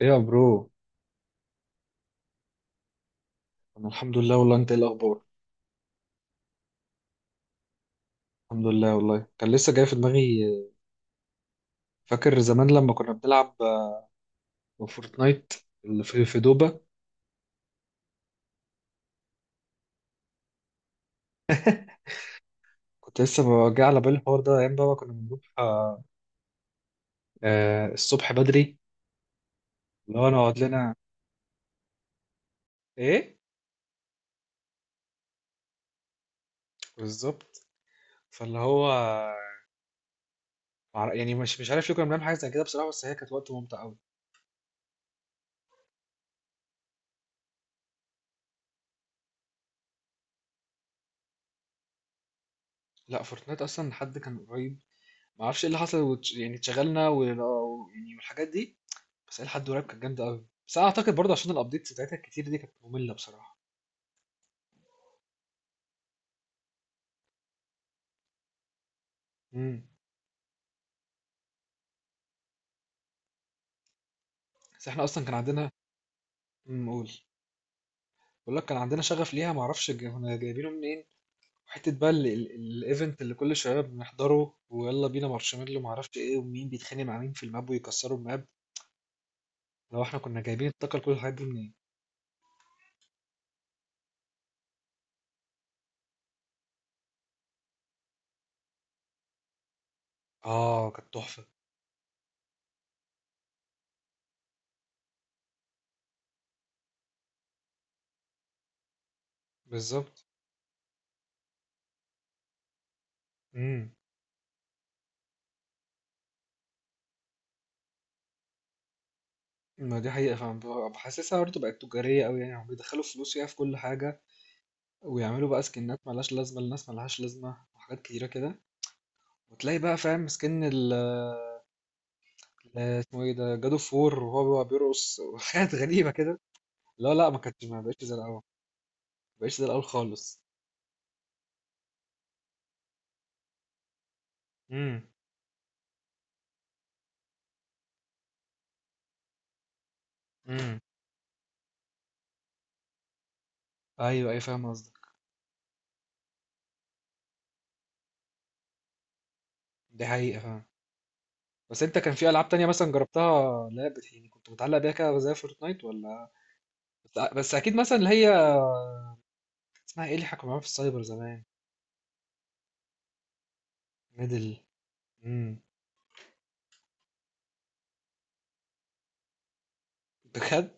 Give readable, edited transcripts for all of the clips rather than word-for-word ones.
ايه يا برو. انا الحمد لله والله، انت ايه الاخبار؟ الحمد لله والله، كان لسه جاي في دماغي. فاكر زمان لما كنا بنلعب فورتنايت اللي في دوبا. كنت لسه جاي على بالي الحوار ده، ايام بقى ما كنا بنروح الصبح بدري. اللي هو نقعد لنا ايه، بالظبط. فاللي هو يعني مش عارف ليه كنا بنعمل حاجه زي كده بصراحه، بس هي كانت وقت ممتع قوي. لا، فورتنايت اصلا حد كان قريب، ما اعرفش ايه اللي حصل، يعني اتشغلنا يعني والحاجات دي. بس إلى حد قريب كانت جامدة أوي، بس أنا أعتقد برضه عشان الأبديتس بتاعتها الكتير دي كانت مملة بصراحة. إمم. بس إحنا أصلًا كان عندنا. إمم، قُل. باقول لك كان عندنا شغف ليها، ما أعرفش جا كنا جايبينه منين، وحتة بقى ال ال الevent اللي كل شوية بنحضره ويالّا بينا مارشميلو وما أعرفش إيه، ومين بيتخانق مع مين في الماب ويكسروا الماب، اللي هو إحنا كنا جايبين الطاقة لكل الحاجات دي منين؟ آه، كانت تحفة. بالضبط. إمم. ما دي حقيقة فعلًا، باحسسها برضه بقت تجارية أوي يعني، هُم بيدخّلوا فلوس فيها في كل حاجة، ويعملوا بقى سكنات ملهاش لازمة لناس ملهاش لازمة وحاجات كتيرة كده. وتلاقي بقى فاهم سكن اسمه ايه ده جاد اوف وور وهو بقى بيرقص وحاجات غريبة كده. لا لا، ما بقتش زي الأول، ما بقتش زي الأول خالص. امم. امم. ايوه، ايوه، فاهم قصدك. دي حقيقة، فاهم. بس انت كان في ألعاب تانية مثلا جربتها، لا يعني كنت متعلق بيها كده زي فورتنايت ولا؟ بس اكيد، مثلا اللي هي اسمها ايه اللي احنا كنا بنلعبها في السايبر زمان؟ ميدل. امم. بجد.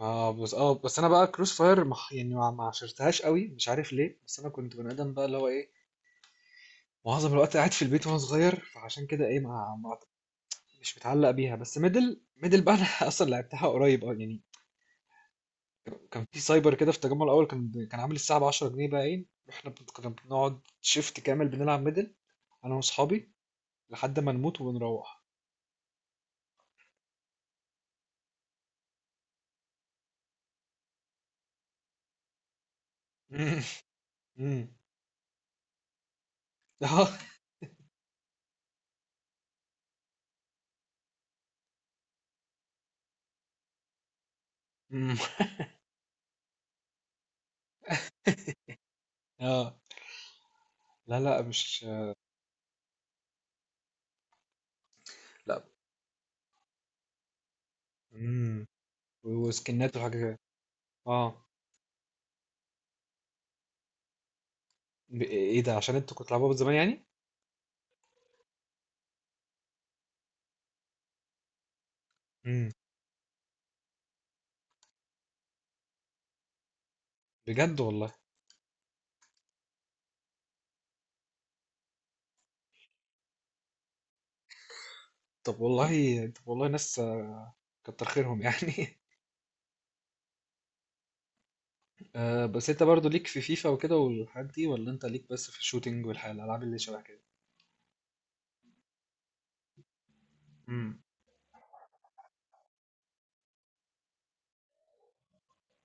اه بس، انا بقى كروس فاير يعني ما عشرتهاش قوي مش عارف ليه، بس انا كنت بني ادم بقى اللي هو ايه، معظم الوقت قاعد في البيت وانا صغير، فعشان كده ايه مش متعلق بيها. بس ميدل ميدل بقى انا اصلا لعبتها قريب، اه يعني. كان في سايبر كده في التجمع الاول كان عامل الساعه ب 10 جنيه، بقى ايه احنا كنا بنقعد شيفت كامل بنلعب ميدل انا واصحابي لحد ما نموت وبنروح. امم. اه. أمم. اه. لا لا، مش. لا. امم. وسكنات وحاجه كده. اه. ايه ده، عشان انتوا كنتوا بتلعبوها من زمان يعني؟ امم. بجد والله. طب والله، طب والله، ناس كتر خيرهم يعني. آه، بس انت برضو ليك في فيفا وكده والحاجات دي، ولا انت ليك بس في الشوتينج والحاجات الالعاب اللي شبه كده؟ امم.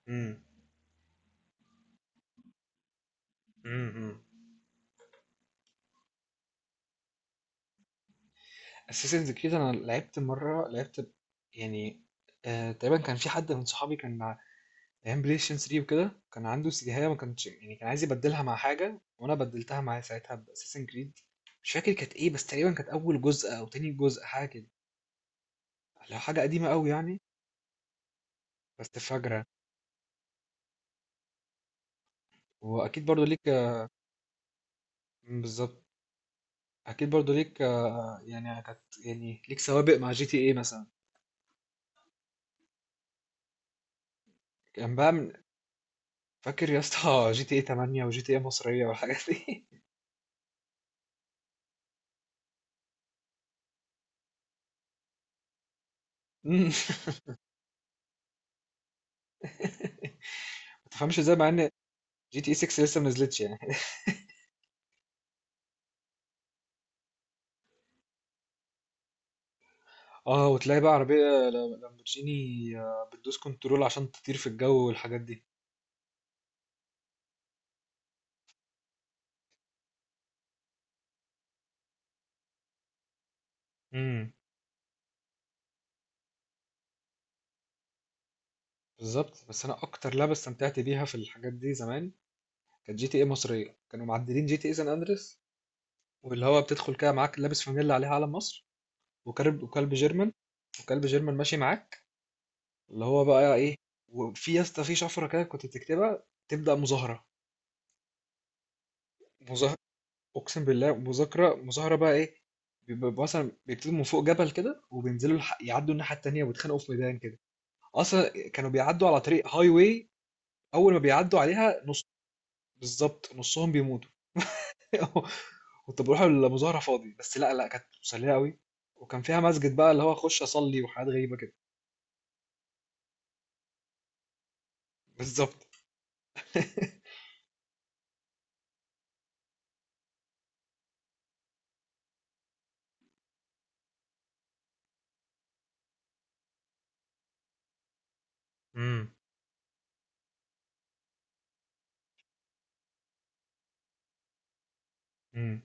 امم. امم. اساسنز كريد انا لعبت مره، لعبت يعني تقريبا كان في حد من صحابي كان مع ايام بلاي ستيشن 3 وكده، كان عنده سيجاية ما كانش، يعني كان عايز يبدلها مع حاجه وانا بدلتها معاه ساعتها باساسن كريد. مش فاكر كانت ايه، بس تقريبا كانت اول جزء او تاني جزء، حاجه كده، لو حاجة قديمة أوي يعني. بس فاجرة. وأكيد برضو ليك. بالظبط. أكيد برضو ليك يعني كانت، يعني ليك سوابق مع جي تي إيه مثلا؟ كان بقى من، فاكر يا اسطى جي تي إيه 8 وجي تي إيه مصرية والحاجات دي. مم. ما تفهمش ازاي، مع ان جي تي إيه 6 لسه ما نزلتش يعني. اه، وتلاقي بقى عربية لامبورجيني، بتدوس كنترول عشان تطير في الجو والحاجات دي. امم. بالظبط، بس انا اكتر لعبة استمتعت بيها في الحاجات دي زمان كانت جي تي إيه مصرية، كانوا معدلين جي تي إيه سان أندريس، واللي هو بتدخل كده معاك لابس فانيلا عليها علم مصر، وكلب جيرمان، ماشي معاك اللي هو بقى ايه. وفي يا اسطى في شفره كده كنت بتكتبها تبدا مظاهره، مظاهره، اقسم بالله مذاكره مظاهره بقى ايه. بيبقى مثلا بيكتبوا من فوق جبل كده وبينزلوا يعدوا الناحيه التانيه ويتخانقوا في ميدان كده. اصلا كانوا بيعدوا على طريق هاي واي، اول ما بيعدوا عليها نص، بالظبط نصهم بيموت. كنت بروح المظاهرة فاضي، بس لا لا، كانت مسلية قوي، وكان فيها مسجد بقى اللي هو اخش اصلي وحاجات غريبة كده. بالظبط. امم. امم.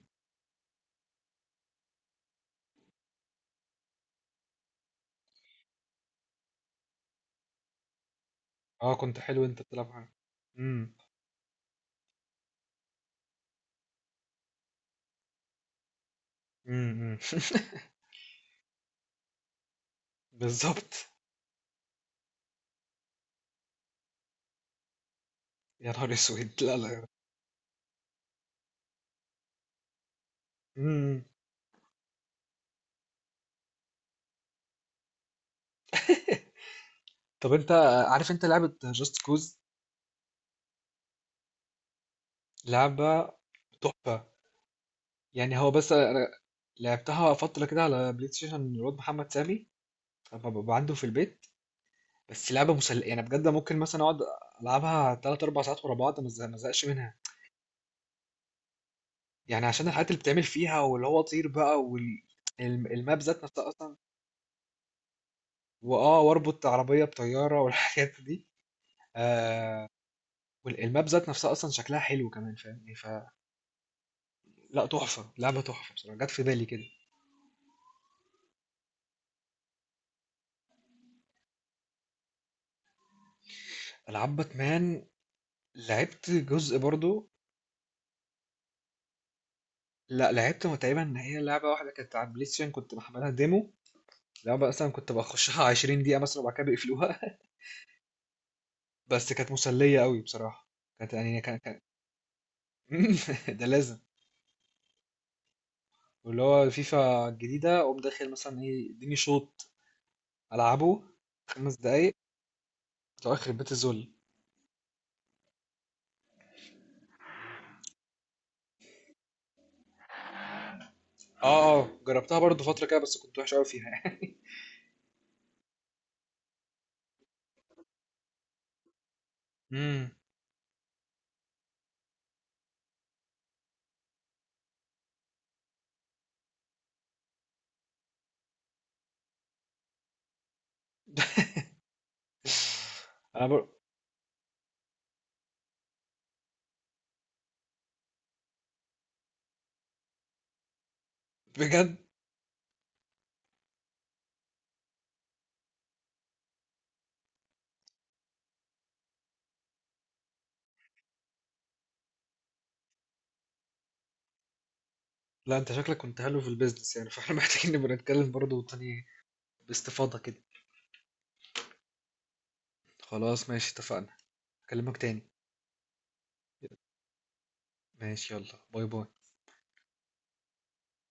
اه، كنت حلو انت بتلعب معايا. امم. امم. بالظبط. يا نهار اسود، لا لا. امم. طب انت عارف انت لعبة جاست كوز، لعبة تحفة. يعني هو بس انا لعبتها فترة كده على بلاي ستيشن الواد محمد سامي لما ببقى عنده في البيت. بس لعبة مسل، يعني بجد ممكن مثلا اقعد العبها تلات اربع ساعات ورا بعض، ما ازهقش منها. يعني عشان الحاجات اللي بتعمل فيها، واللي هو طير بقى، والماب ذات نفسها اصلا، واربط عربية بطيارة والحاجات دي. والماب ذات نفسها اصلا شكلها حلو كمان، فاهمني؟ فلا، تحفة، لعبة تحفة بصراحة، جت في بالي كده. العاب باتمان، لعبت جزء برضو. لا، لعبت تقريبا ان هي لعبة واحدة كانت على البلاي ستيشن كنت محملها ديمو، لعبة اصلا كنت بخشها 20 دقيقة مثلا وبعد كده بيقفلوها. بس كانت مسلية قوي بصراحة، كانت يعني كان. ده لازم. واللي هو الفيفا الجديدة اقوم داخل مثلا ايه اديني شوط العبه خمس دقايق بتوع اخر بيت الذل. اه اه، جربتها برضو فترة كده، بس كنت وحش قوي فيها يعني. امم. انا بر... بجد. لا، انت شكلك كنت حلو في البيزنس يعني، فاحنا محتاجين نبقى نتكلم برضو تاني باستفاضة كده. خلاص، ماشي، اتفقنا، اكلمك تاني. ماشي، يلا باي باي.